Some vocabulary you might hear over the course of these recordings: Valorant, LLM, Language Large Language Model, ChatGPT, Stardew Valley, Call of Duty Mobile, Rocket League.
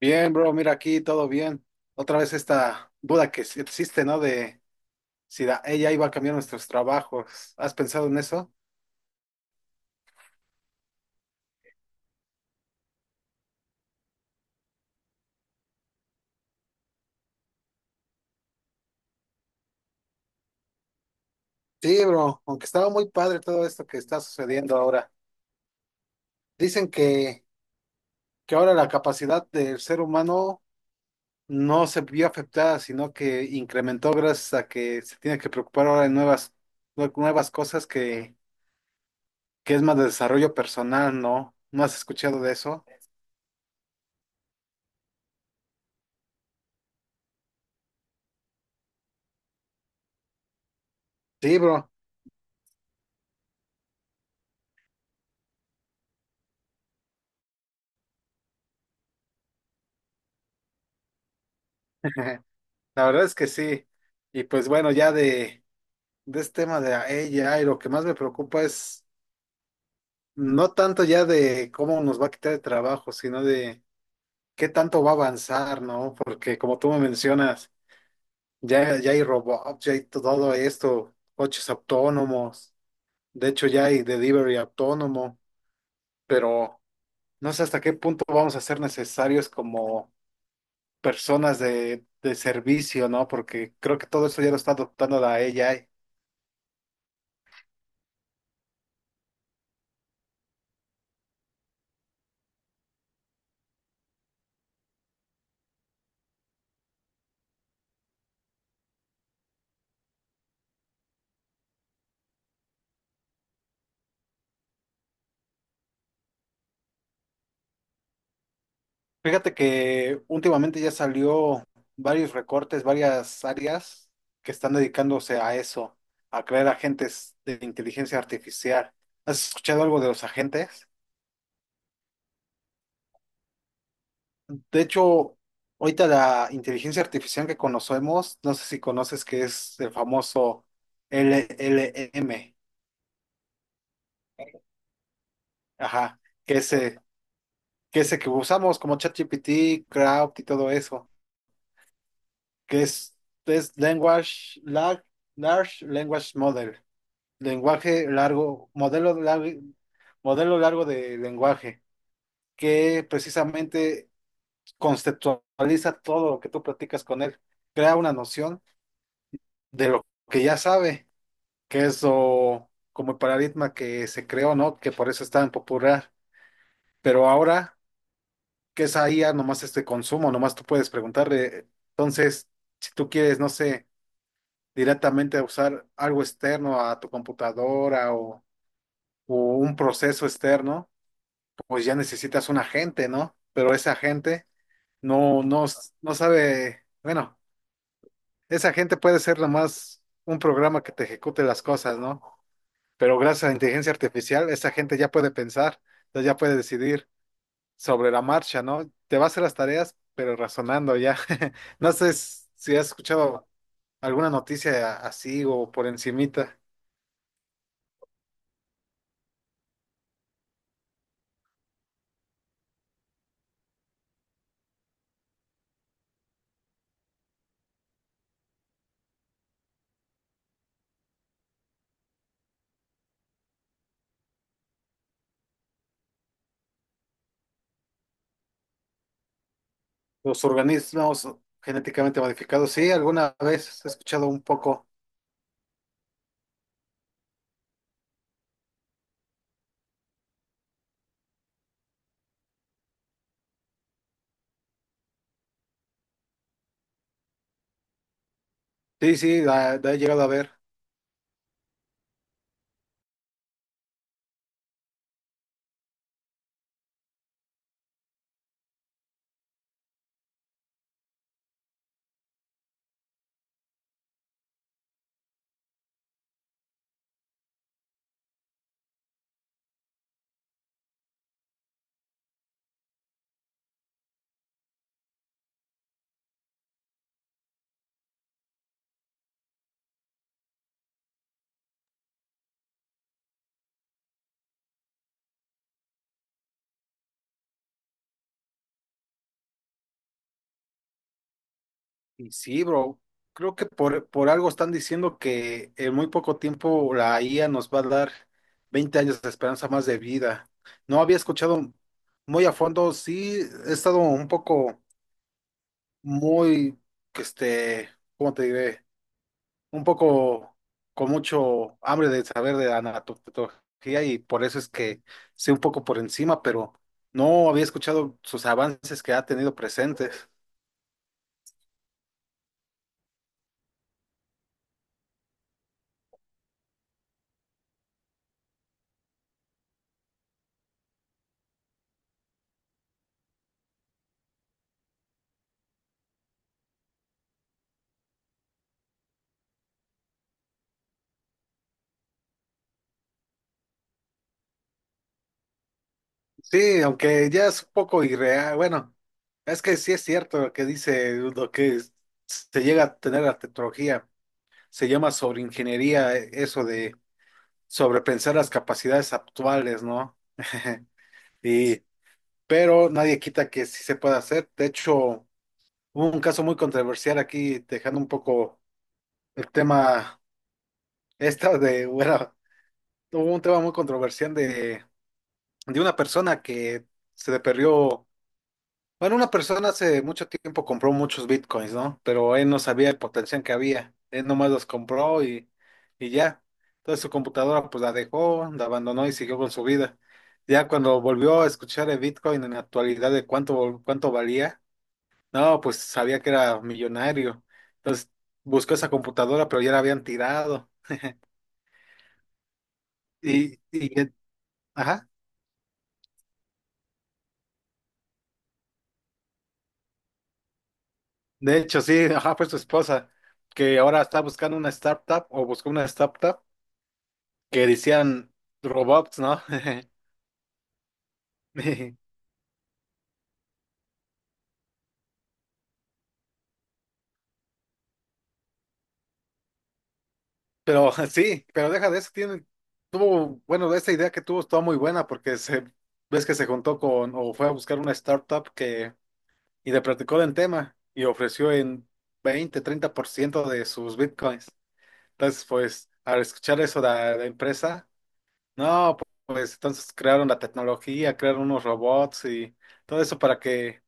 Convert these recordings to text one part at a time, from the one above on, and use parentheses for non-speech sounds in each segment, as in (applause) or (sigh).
Bien, bro, mira aquí, todo bien. Otra vez esta duda que sí existe, ¿no? De si la ella iba a cambiar nuestros trabajos. ¿Has pensado en eso? Sí, bro, aunque estaba muy padre todo esto que está sucediendo ahora. Dicen que ahora la capacidad del ser humano no se vio afectada, sino que incrementó gracias a que se tiene que preocupar ahora en nuevas, nuevas cosas que es más de desarrollo personal, ¿no? ¿No has escuchado de eso? Sí, bro. (laughs) La verdad es que sí. Y pues bueno, ya de este tema de ella, y lo que más me preocupa es no tanto ya de cómo nos va a quitar el trabajo, sino de qué tanto va a avanzar, ¿no? Porque como tú me mencionas, ya hay robots, ya hay todo esto, coches autónomos, de hecho ya hay delivery autónomo, pero no sé hasta qué punto vamos a ser necesarios como personas de servicio, ¿no? Porque creo que todo eso ya lo está adoptando la ella. Fíjate que últimamente ya salió varios recortes, varias áreas que están dedicándose a eso, a crear agentes de inteligencia artificial. ¿Has escuchado algo de los agentes? De hecho, ahorita la inteligencia artificial que conocemos, no sé si conoces que es el famoso LLM, ajá, que ese, que ese que usamos como ChatGPT, Crowd y todo eso, que es Language, Large Large Language Model. Lenguaje largo, modelo largo, modelo largo de lenguaje, que precisamente conceptualiza todo lo que tú practicas con él, crea una noción de lo que ya sabe, que es como el paradigma que se creó, ¿no? Que por eso es tan popular. Pero ahora, que es ahí ya nomás este consumo, nomás tú puedes preguntarle. Entonces, si tú quieres, no sé, directamente usar algo externo a tu computadora o un proceso externo, pues ya necesitas un agente, ¿no? Pero ese agente no, no, no sabe, bueno, ese agente puede ser nomás un programa que te ejecute las cosas, ¿no? Pero gracias a la inteligencia artificial, esa gente ya puede pensar, entonces ya puede decidir sobre la marcha, ¿no? Te va a hacer las tareas, pero razonando ya. (laughs) No sé si has escuchado alguna noticia así o por encimita. Los organismos genéticamente modificados, sí, alguna vez he escuchado un poco. Sí, sí, la he llegado a ver. Y sí, bro, creo que por algo están diciendo que en muy poco tiempo la IA nos va a dar 20 años de esperanza más de vida. No había escuchado muy a fondo, sí, he estado un poco muy, que este, ¿cómo te diré? Un poco con mucho hambre de saber de anatomía y por eso es que sé un poco por encima, pero no había escuchado sus avances que ha tenido presentes. Sí, aunque ya es un poco irreal. Bueno, es que sí es cierto lo que dice, se llega a tener la tecnología. Se llama sobreingeniería, eso de sobrepensar las capacidades actuales, ¿no? (laughs) Y, pero nadie quita que sí se pueda hacer. De hecho, hubo un caso muy controversial aquí, dejando un poco el tema (laughs) bueno, hubo un tema muy controversial de una persona que se le perdió. Bueno, una persona hace mucho tiempo compró muchos bitcoins, ¿no? Pero él no sabía el potencial que había. Él nomás los compró y ya. Entonces su computadora pues la dejó, la abandonó y siguió con su vida. Ya cuando volvió a escuchar el bitcoin en la actualidad de cuánto valía, no, pues sabía que era millonario. Entonces buscó esa computadora, pero ya la habían tirado. Y, y, ajá, de hecho sí, (laughs) ajá, fue su esposa, que ahora está buscando una startup o buscó una startup que decían robots, ¿no? (laughs) Pero sí, pero deja de eso, tiene, tuvo, bueno, esta idea que tuvo estaba muy buena porque se, ves que se juntó con, o fue a buscar una startup y le platicó del tema y ofreció en 20, 30% de sus bitcoins. Entonces, pues, al escuchar eso de la empresa, no, pues, entonces crearon la tecnología, crearon unos robots y todo eso para que.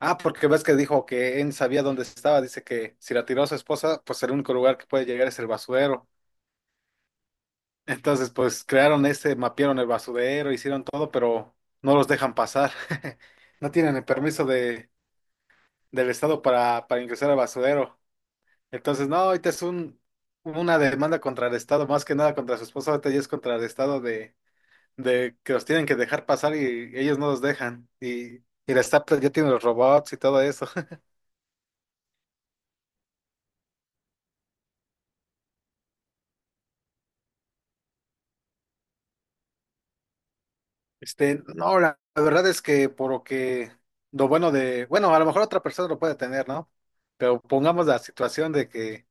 Ah, porque ves que dijo que él sabía dónde estaba. Dice que si la tiró a su esposa, pues el único lugar que puede llegar es el basurero. Entonces, pues crearon este, mapearon el basurero, hicieron todo, pero no los dejan pasar. (laughs) No tienen el permiso de, del Estado para ingresar al basurero. Entonces, no, ahorita es un, una demanda contra el Estado, más que nada contra su esposa, ahorita ya es contra el Estado de que los tienen que dejar pasar y ellos no los dejan. Y el Estado ya tiene los robots y todo eso. Este, no, la verdad es que por lo que lo bueno de, bueno, a lo mejor otra persona lo puede tener, ¿no? Pero pongamos la situación de que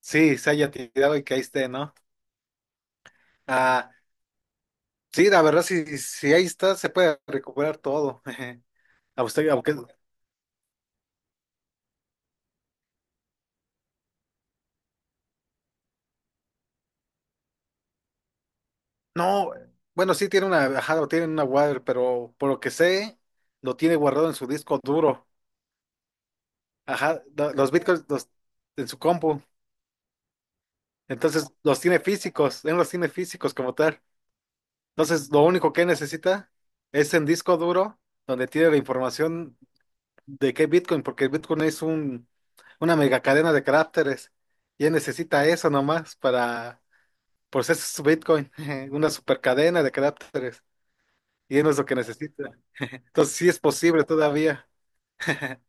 sí, se haya tirado y que ahí esté, ¿no? Ah, sí, la verdad, si ahí está, se puede recuperar todo. (laughs) A usted, aunque, no, bueno, sí tiene una, ajá, lo tiene en una wire, pero por lo que sé, lo tiene guardado en su disco duro. Ajá, los bitcoins en su compu. Entonces, los tiene físicos, él los tiene físicos como tal. Entonces, lo único que necesita es el disco duro donde tiene la información de qué Bitcoin, porque Bitcoin es una mega cadena de caracteres. Y él necesita eso nomás pues ese es su Bitcoin, (laughs) una super cadena de caracteres. Y eso es lo que necesita. Entonces, sí es posible todavía. (laughs)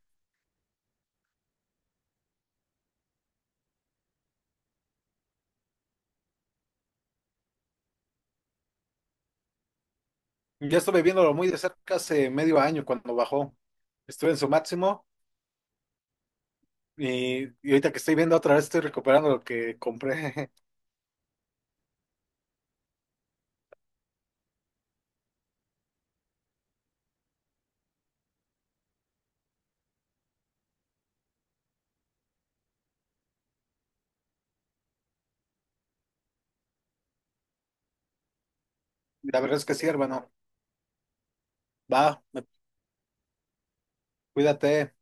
Yo estuve viéndolo muy de cerca hace medio año cuando bajó. Estuve en su máximo y ahorita que estoy viendo otra vez estoy recuperando lo que compré. (laughs) La verdad es que sí, hermano. Va, cuídate.